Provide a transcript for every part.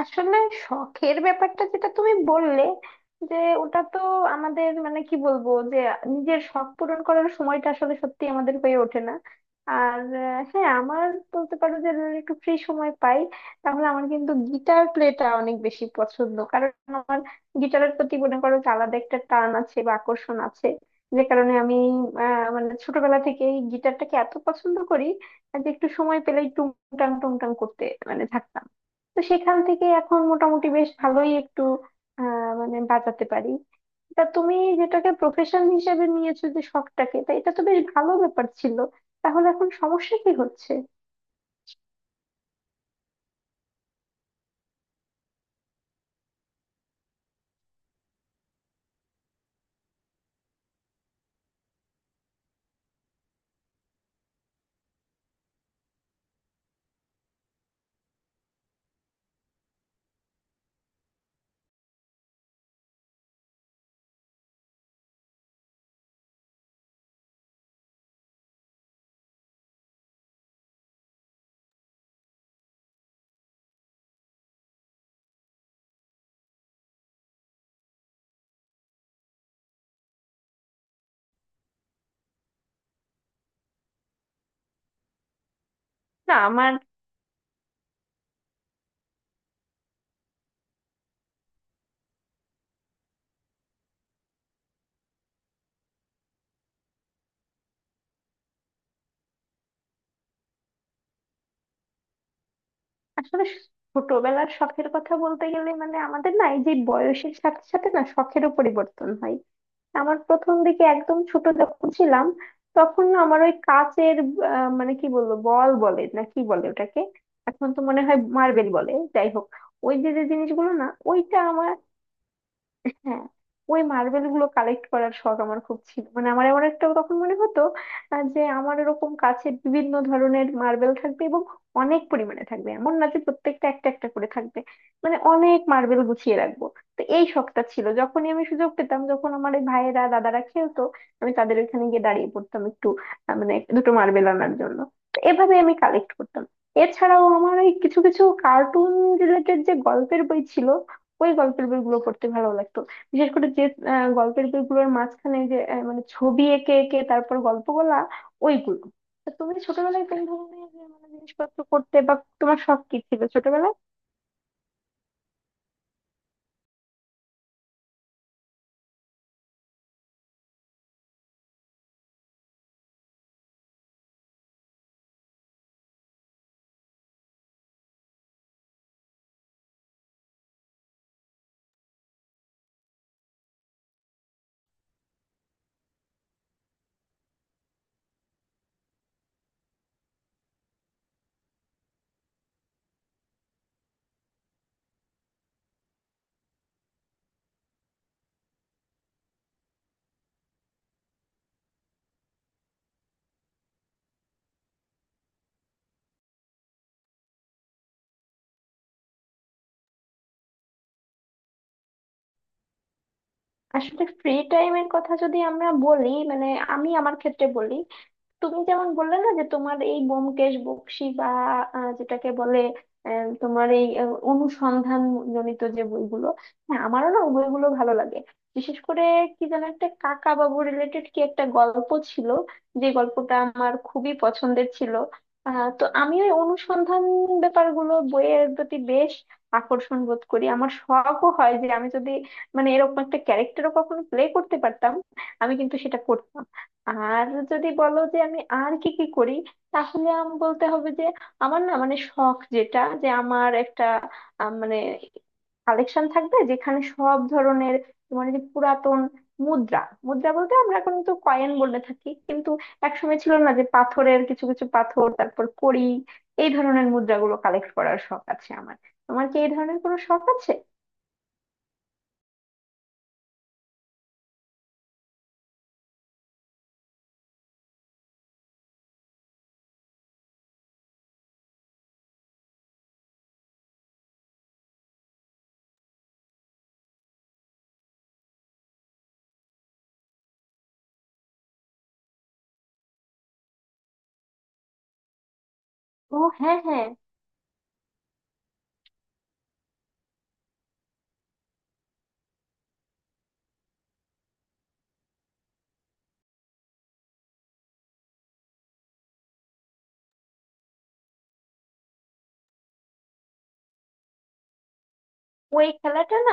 আসলে শখের ব্যাপারটা যেটা তুমি বললে, যে ওটা তো আমাদের, মানে কি বলবো যে নিজের শখ পূরণ করার সময়টা আসলে সত্যি আমাদের হয়ে ওঠে না। আর হ্যাঁ, আমার বলতে পারো যে যদি একটু ফ্রি সময় পাই, তাহলে আমার কিন্তু গিটার প্লেটা অনেক বেশি পছন্দ। কারণ আমার গিটারের প্রতি মনে করো যে আলাদা একটা টান আছে বা আকর্ষণ আছে। যে কারণে আমি মানে ছোটবেলা থেকেই গিটারটাকে এত পছন্দ করি, যে একটু সময় পেলেই টুংটাং টুংটাং করতে মানে থাকতাম। তো সেখান থেকে এখন মোটামুটি বেশ ভালোই একটু মানে বাঁচাতে পারি। তা তুমি যেটাকে প্রফেশন হিসেবে নিয়েছো, যে শখটাকে, তা এটা তো বেশ ভালো ব্যাপার ছিল। তাহলে এখন সমস্যা কি হচ্ছে? না আমার আসলে ছোটবেলার শখের কথা বলতে গেলে, মানে আমাদের না এই যে বয়সের সাথে সাথে না শখেরও পরিবর্তন হয়। আমার প্রথম দিকে, একদম ছোট যখন ছিলাম, তখন না আমার ওই কাচের মানে কি বলবো, বল বলে না কি বলে ওটাকে, এখন তো মনে হয় মার্বেল বলে, যাই হোক, ওই যে যে জিনিসগুলো না ওইটা আমার, হ্যাঁ, ওই মার্বেল গুলো কালেক্ট করার শখ আমার খুব ছিল। মানে আমার এমন একটা তখন মনে হতো, যে আমার এরকম কাছে বিভিন্ন ধরনের মার্বেল থাকবে এবং অনেক পরিমাণে থাকবে, এমন না যে প্রত্যেকটা একটা একটা করে থাকবে, মানে অনেক মার্বেল গুছিয়ে রাখবো। তো এই শখটা ছিল, যখনই আমি সুযোগ পেতাম, যখন আমার এই ভাইয়েরা দাদারা খেলতো, আমি তাদের ওখানে গিয়ে দাঁড়িয়ে পড়তাম একটু, মানে দুটো মার্বেল আনার জন্য। তো এভাবে আমি কালেক্ট করতাম। এছাড়াও আমার এই কিছু কিছু কার্টুন রিলেটেড যে গল্পের বই ছিল, ওই গল্পের বইগুলো পড়তে ভালো লাগতো। বিশেষ করে যে গল্পের বইগুলোর মাঝখানে যে মানে ছবি এঁকে এঁকে তারপর গল্প বলা, ওইগুলো। তা তুমি ছোটবেলায় কোন ধরনের মানে জিনিসপত্র করতে, বা তোমার শখ কি ছিল ছোটবেলায়? আসলে ফ্রি টাইমের কথা যদি আমরা বলি, মানে আমি আমার ক্ষেত্রে বলি, তুমি যেমন বললে না যে তোমার এই ব্যোমকেশ বক্সী বা যেটাকে বলে তোমার এই অনুসন্ধান জনিত যে বইগুলো, হ্যাঁ আমারও না ওই বইগুলো ভালো লাগে। বিশেষ করে কি যেন একটা কাকা বাবু রিলেটেড কি একটা গল্প ছিল, যে গল্পটা আমার খুবই পছন্দের ছিল। তো আমি ওই অনুসন্ধান ব্যাপারগুলো বইয়ের প্রতি বেশ আকর্ষণ বোধ করি। আমার শখও হয় যে আমি যদি মানে এরকম একটা ক্যারেক্টারও কখনো প্লে করতে পারতাম, আমি কিন্তু সেটা করতাম। আর যদি বলো যে আমি আর কি কি করি, তাহলে আমি বলতে হবে যে আমার না, মানে শখ যেটা, যে আমার একটা মানে কালেকশন থাকবে, যেখানে সব ধরনের তোমার এই যে পুরাতন মুদ্রা, মুদ্রা বলতে আমরা এখন তো কয়েন বলে থাকি, কিন্তু একসময় ছিল না যে পাথরের কিছু কিছু পাথর, তারপর কড়ি, এই ধরনের মুদ্রাগুলো কালেক্ট করার শখ আছে আমার। তোমার কি এই ধরনের কোনো শখ আছে? ও হ্যাঁ হ্যাঁ, ওই খেলাটা না,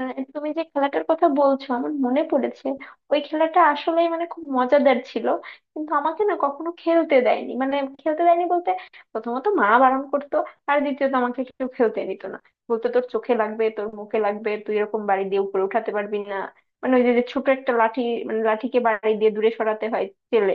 তুমি যে খেলাটার কথা বলছো আমার মনে পড়েছে। ওই খেলাটা আসলে মানে খুব মজাদার ছিল, কিন্তু আমাকে না কখনো খেলতে দেয়নি, মানে খেলতে দেয়নি বলতে, প্রথমত মা বারণ করতো, আর দ্বিতীয়ত আমাকে কেউ খেলতে দিত না। বলতো তোর চোখে লাগবে, তোর মুখে লাগবে, তুই এরকম বাড়ি দিয়ে উপরে উঠাতে পারবি না। মানে ওই যে যে ছোট একটা লাঠি, মানে লাঠিকে বাড়ি দিয়ে দূরে সরাতে হয়, চেলে।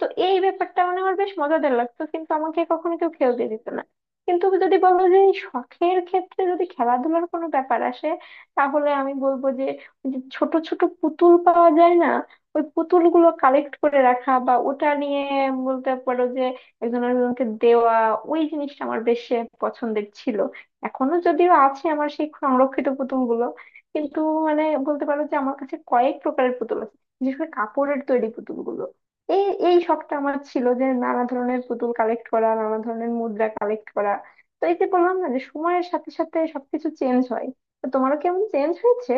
তো এই ব্যাপারটা মানে আমার বেশ মজাদার লাগতো, কিন্তু আমাকে কখনো কেউ খেলতে দিত না। কিন্তু যদি বলো যে এই শখের ক্ষেত্রে যদি খেলাধুলার কোনো ব্যাপার আসে, তাহলে আমি বলবো যে ওই যে ছোট ছোট পুতুল পাওয়া যায় না, ওই পুতুলগুলো কালেক্ট করে রাখা, বা ওটা নিয়ে বলতে পারো যে একজন আরেকজনকে দেওয়া, ওই জিনিসটা আমার বেশ পছন্দের ছিল। এখনো যদিও আছে আমার সেই সংরক্ষিত পুতুলগুলো। কিন্তু মানে বলতে পারো যে আমার কাছে কয়েক প্রকারের পুতুল আছে, বিশেষ করে কাপড়ের তৈরি পুতুলগুলো। এই এই শখটা আমার ছিল, যে নানা ধরনের পুতুল কালেক্ট করা, নানা ধরনের মুদ্রা কালেক্ট করা। তো এই যে বললাম না যে সময়ের সাথে সাথে সবকিছু চেঞ্জ হয়, তো তোমারও কেমন চেঞ্জ হয়েছে?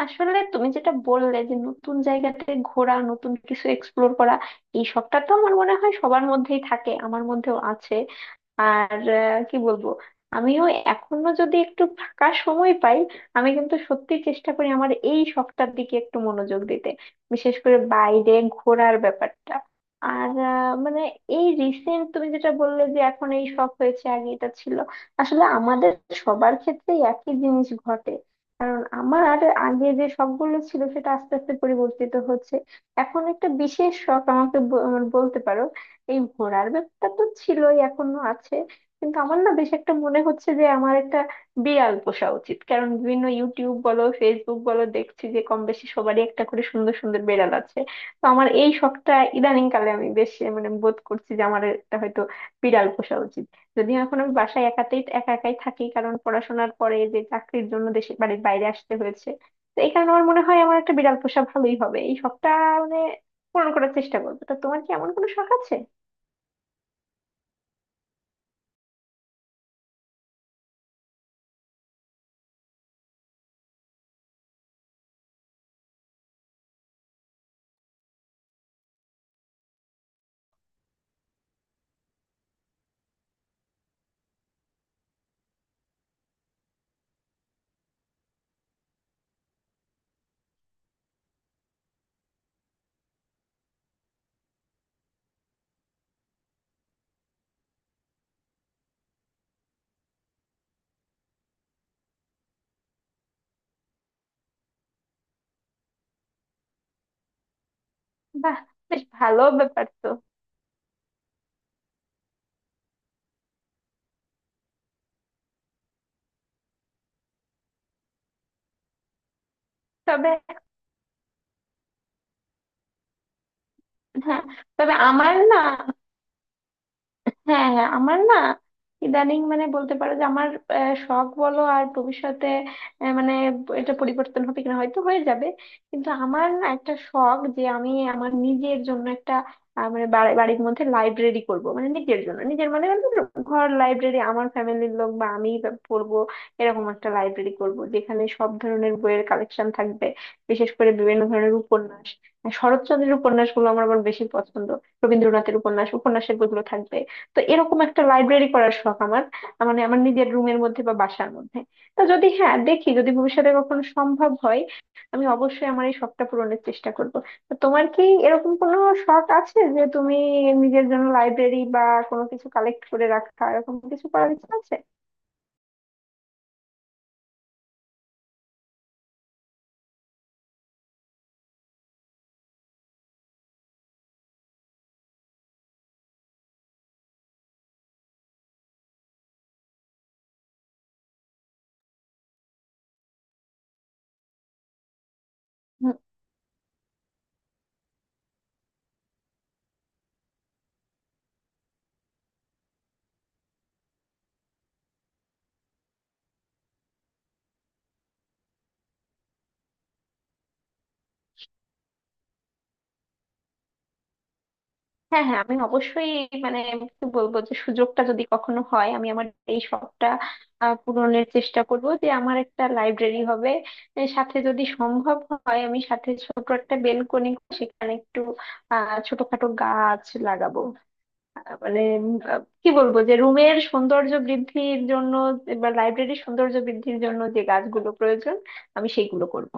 আসলে তুমি যেটা বললে যে নতুন জায়গাতে ঘোরা, নতুন কিছু এক্সপ্লোর করা, এই শখটা তো আমার মনে হয় সবার মধ্যেই থাকে, আমার মধ্যেও আছে। আর কি বলবো, আমিও এখনো যদি একটু ফাঁকা সময় পাই, আমি কিন্তু সত্যি চেষ্টা করি আমার এই শখটার দিকে একটু মনোযোগ দিতে, বিশেষ করে বাইরে ঘোরার ব্যাপারটা। আর মানে এই রিসেন্ট তুমি যেটা বললে যে এখন এই শখ হয়েছে, আগে এটা ছিল, আসলে আমাদের সবার ক্ষেত্রেই একই জিনিস ঘটে। কারণ আমার আর আগে যে শখগুলো ছিল সেটা আস্তে আস্তে পরিবর্তিত হচ্ছে। এখন একটা বিশেষ শখ আমাকে মানে বলতে পারো, এই ঘোরার ব্যাপারটা তো ছিলই, এখনো আছে, কিন্তু আমার না বেশ একটা মনে হচ্ছে যে আমার একটা বিড়াল পোষা উচিত। কারণ বিভিন্ন ইউটিউব বলো, ফেসবুক বলো, দেখছি যে কম বেশি সবারই একটা করে সুন্দর সুন্দর বিড়াল আছে। তো আমার এই শখটা ইদানিং কালে আমি বেশ মানে বোধ করছি যে আমার একটা হয়তো বিড়াল পোষা উচিত। যদিও এখন আমি বাসায় একাতেই একা একাই থাকি, কারণ পড়াশোনার পরে যে চাকরির জন্য দেশের বাড়ির বাইরে আসতে হয়েছে। তো এই কারণে আমার মনে হয় আমার একটা বিড়াল পোষা ভালোই হবে, এই শখটা মানে পূরণ করার চেষ্টা করবো। তা তোমার কি এমন কোনো শখ আছে? বাহ, বেশ ভালো ব্যাপার তো। তবে হ্যাঁ, তবে আমার না, হ্যাঁ হ্যাঁ, আমার না ইদানিং মানে বলতে পারো যে আমার শখ বলো আর ভবিষ্যতে মানে এটা পরিবর্তন হবে কিনা, হয়তো হয়ে যাবে, কিন্তু আমার না একটা শখ, যে আমি আমার নিজের জন্য একটা মানে বাড়ির মধ্যে লাইব্রেরি করব। মানে নিজের জন্য, নিজের মানে, মানে ধরো ঘর লাইব্রেরি, আমার ফ্যামিলির লোক বা আমি পড়বো, এরকম একটা লাইব্রেরি করব যেখানে সব ধরনের বইয়ের কালেকশন থাকবে। বিশেষ করে বিভিন্ন ধরনের উপন্যাস, শরৎচন্দ্রের উপন্যাসগুলো আমার আবার বেশি পছন্দ, রবীন্দ্রনাথের উপন্যাসের বইগুলো থাকবে। তো এরকম একটা লাইব্রেরি করার শখ আমার, আ, মানে আমার নিজের রুমের মধ্যে বা বাসার মধ্যে। তো যদি, হ্যাঁ দেখি যদি ভবিষ্যতে কখনো সম্ভব হয়, আমি অবশ্যই আমার এই শখটা পূরণের চেষ্টা করব। তো তোমার কি এরকম কোনো শখ আছে যে তুমি নিজের জন্য লাইব্রেরি বা কোনো কিছু কালেক্ট করে রাখা এরকম কিছু করার ইচ্ছা আছে? হ্যাঁ হ্যাঁ, আমি অবশ্যই মানে কি বলবো, যে সুযোগটা যদি কখনো হয়, আমি আমার এই শখটা পূরণের চেষ্টা করব, যে আমার একটা লাইব্রেরি হবে। এর সাথে যদি সম্ভব হয় আমি সাথে ছোট একটা বেলকনি, সেখানে একটু ছোটখাটো গাছ লাগাবো। মানে কি বলবো, যে রুমের সৌন্দর্য বৃদ্ধির জন্য বা লাইব্রেরির সৌন্দর্য বৃদ্ধির জন্য যে গাছগুলো প্রয়োজন, আমি সেইগুলো করব।